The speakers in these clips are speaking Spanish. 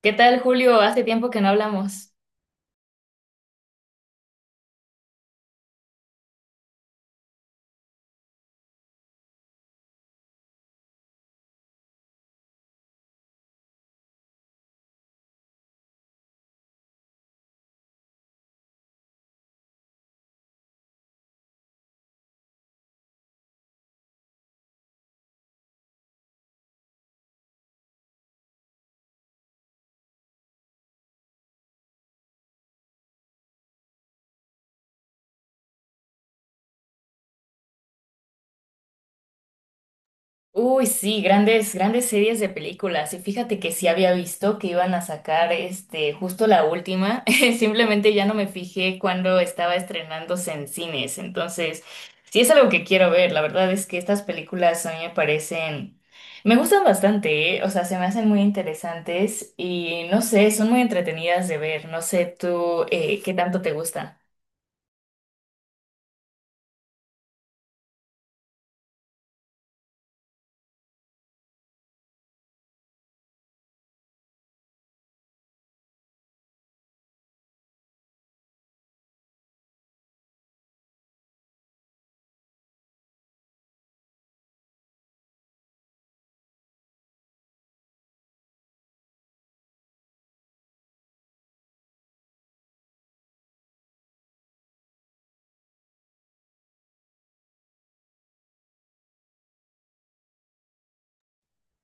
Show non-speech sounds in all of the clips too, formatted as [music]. ¿Qué tal, Julio? Hace tiempo que no hablamos. Uy, sí, grandes series de películas. Y fíjate que sí había visto que iban a sacar este, justo la última. [laughs] Simplemente ya no me fijé cuando estaba estrenándose en cines. Entonces, sí es algo que quiero ver. La verdad es que estas películas a mí me parecen, me gustan bastante, ¿eh? O sea, se me hacen muy interesantes y no sé, son muy entretenidas de ver. No sé tú, qué tanto te gustan.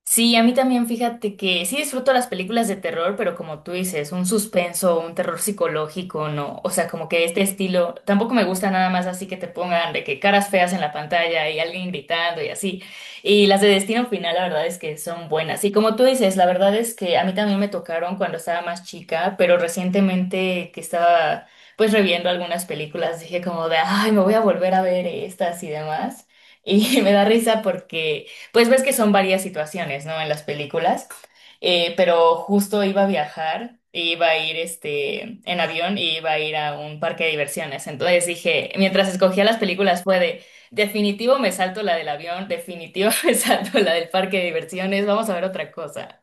Sí, a mí también fíjate que sí disfruto las películas de terror, pero como tú dices, un suspenso, un terror psicológico, no, o sea, como que este estilo, tampoco me gusta nada más así que te pongan de que caras feas en la pantalla y alguien gritando y así. Y las de Destino Final, la verdad es que son buenas. Y como tú dices, la verdad es que a mí también me tocaron cuando estaba más chica, pero recientemente que estaba pues reviendo algunas películas, dije como de, ay, me voy a volver a ver estas y demás. Y [laughs] me da risa porque... Pues ves que son varias situaciones, ¿no? En las películas, pero justo iba a viajar, iba a ir este, en avión y iba a ir a un parque de diversiones. Entonces dije, mientras escogía las películas fue de, definitivo me salto la del avión, definitivo [laughs] me salto la del parque de diversiones, vamos a ver otra cosa.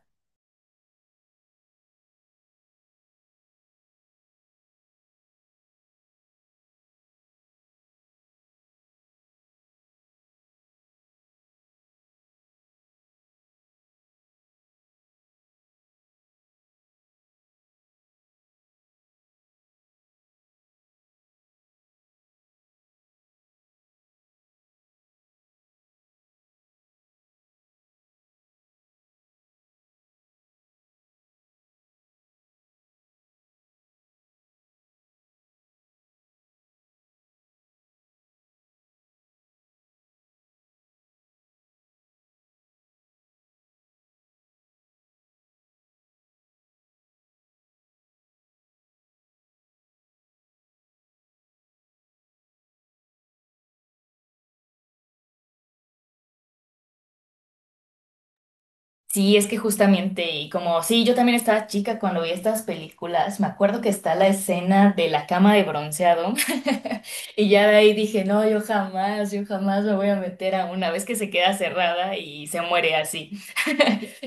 Sí, es que justamente, y como sí, yo también estaba chica cuando vi estas películas, me acuerdo que está la escena de la cama de bronceado, [laughs] y ya de ahí dije, no, yo jamás me voy a meter a una vez que se queda cerrada y se muere así.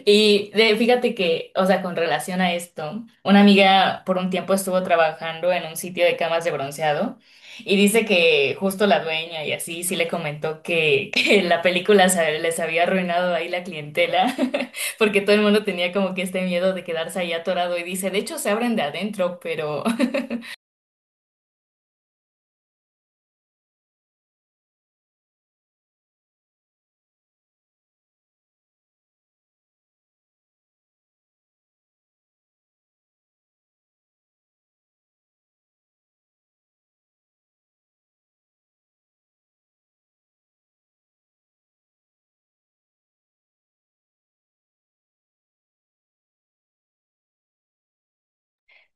Y de- fíjate que, o sea, con relación a esto, una amiga por un tiempo estuvo trabajando en un sitio de camas de bronceado y dice que justo la dueña y así sí le comentó que, [laughs] que la película se- les había arruinado ahí la clientela [laughs] porque todo el mundo tenía como que este miedo de quedarse ahí atorado y dice, de hecho se abren de adentro, pero [laughs]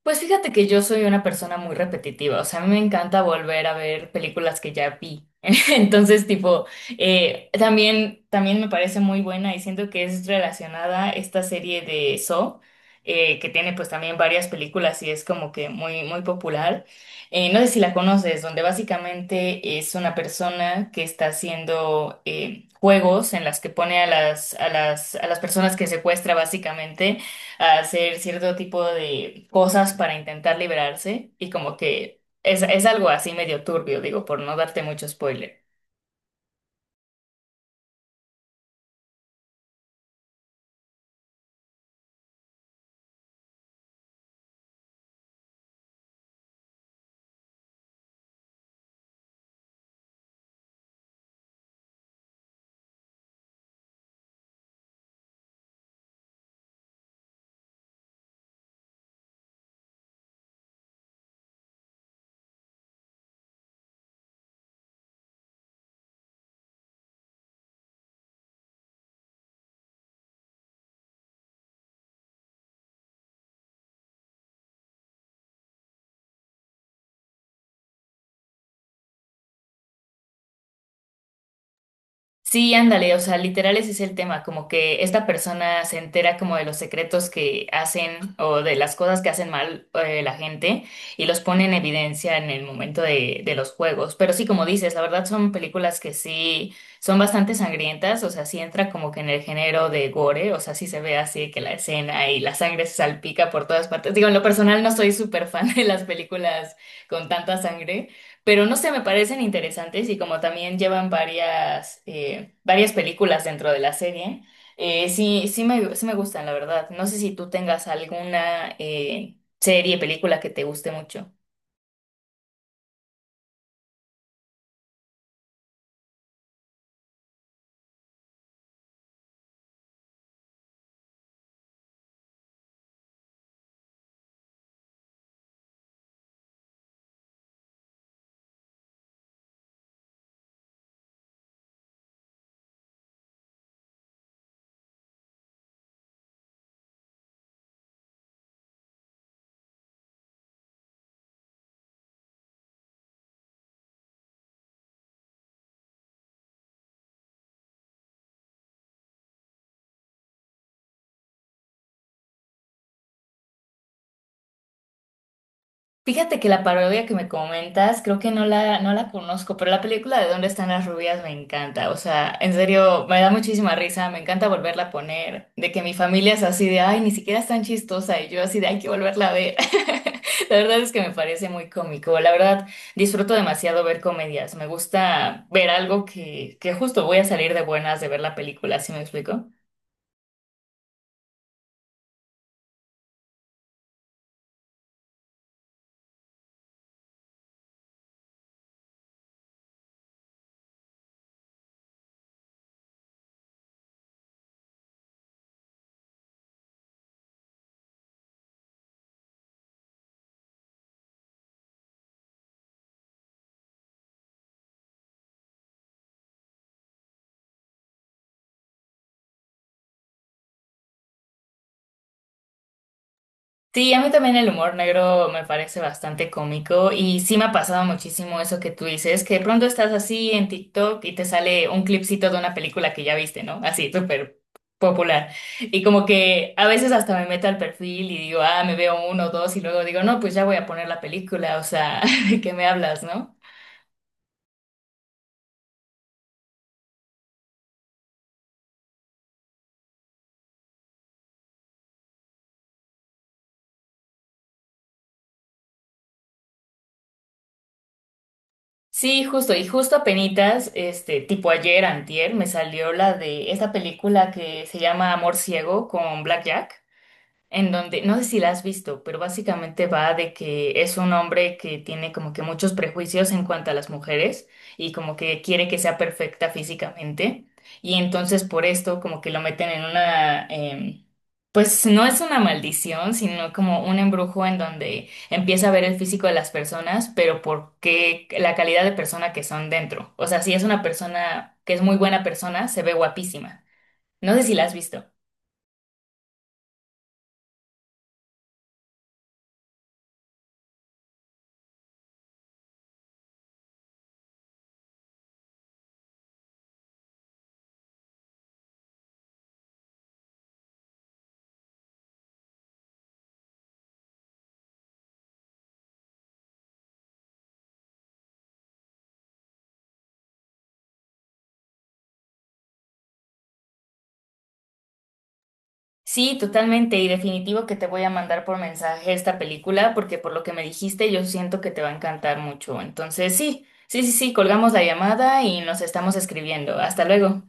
Pues fíjate que yo soy una persona muy repetitiva, o sea, a mí me encanta volver a ver películas que ya vi. [laughs] Entonces, tipo, también me parece muy buena y siento que es relacionada esta serie de Saw, que tiene pues también varias películas y es como que muy, muy popular. No sé si la conoces, donde básicamente es una persona que está haciendo juegos en las que pone a las personas que secuestra básicamente a hacer cierto tipo de cosas para intentar liberarse y como que es algo así medio turbio, digo, por no darte mucho spoiler. Sí, ándale, o sea, literal ese es el tema, como que esta persona se entera como de los secretos que hacen o de las cosas que hacen mal la gente y los pone en evidencia en el momento de los juegos. Pero sí, como dices, la verdad son películas que sí son bastante sangrientas, o sea, sí entra como que en el género de gore, o sea, sí se ve así de que la escena y la sangre se salpica por todas partes. Digo, en lo personal no soy súper fan [laughs] de las películas con tanta sangre. Pero no sé, me parecen interesantes y como también llevan varias, varias películas dentro de la serie, sí, sí me gustan, la verdad. No sé si tú tengas alguna serie, película que te guste mucho. Fíjate que la parodia que me comentas, creo que no la conozco, pero la película de ¿Dónde están las rubias? Me encanta. O sea, en serio, me da muchísima risa, me encanta volverla a poner, de que mi familia es así de, ay, ni siquiera es tan chistosa, y yo así de, hay que volverla a ver. [laughs] La verdad es que me parece muy cómico. La verdad, disfruto demasiado ver comedias. Me gusta ver algo que justo voy a salir de buenas de ver la película, ¿sí me explico? Sí, a mí también el humor negro me parece bastante cómico y sí me ha pasado muchísimo eso que tú dices, que de pronto estás así en TikTok y te sale un clipcito de una película que ya viste, ¿no? Así, súper popular. Y como que a veces hasta me meto al perfil y digo, ah, me veo uno o dos y luego digo, no, pues ya voy a poner la película, o sea, [laughs] ¿de qué me hablas, no? Sí, justo, y justo apenitas, este, tipo ayer, antier, me salió la de esta película que se llama Amor Ciego con Black Jack. En donde, no sé si la has visto, pero básicamente va de que es un hombre que tiene como que muchos prejuicios en cuanto a las mujeres y como que quiere que sea perfecta físicamente y entonces por esto como que lo meten en una, pues no es una maldición, sino como un embrujo en donde empieza a ver el físico de las personas, pero por qué la calidad de persona que son dentro. O sea, si es una persona que es muy buena persona, se ve guapísima. No sé si la has visto. Sí, totalmente y definitivo que te voy a mandar por mensaje esta película porque por lo que me dijiste yo siento que te va a encantar mucho. Entonces, sí, sí, sí, sí, colgamos la llamada y nos estamos escribiendo. Hasta luego.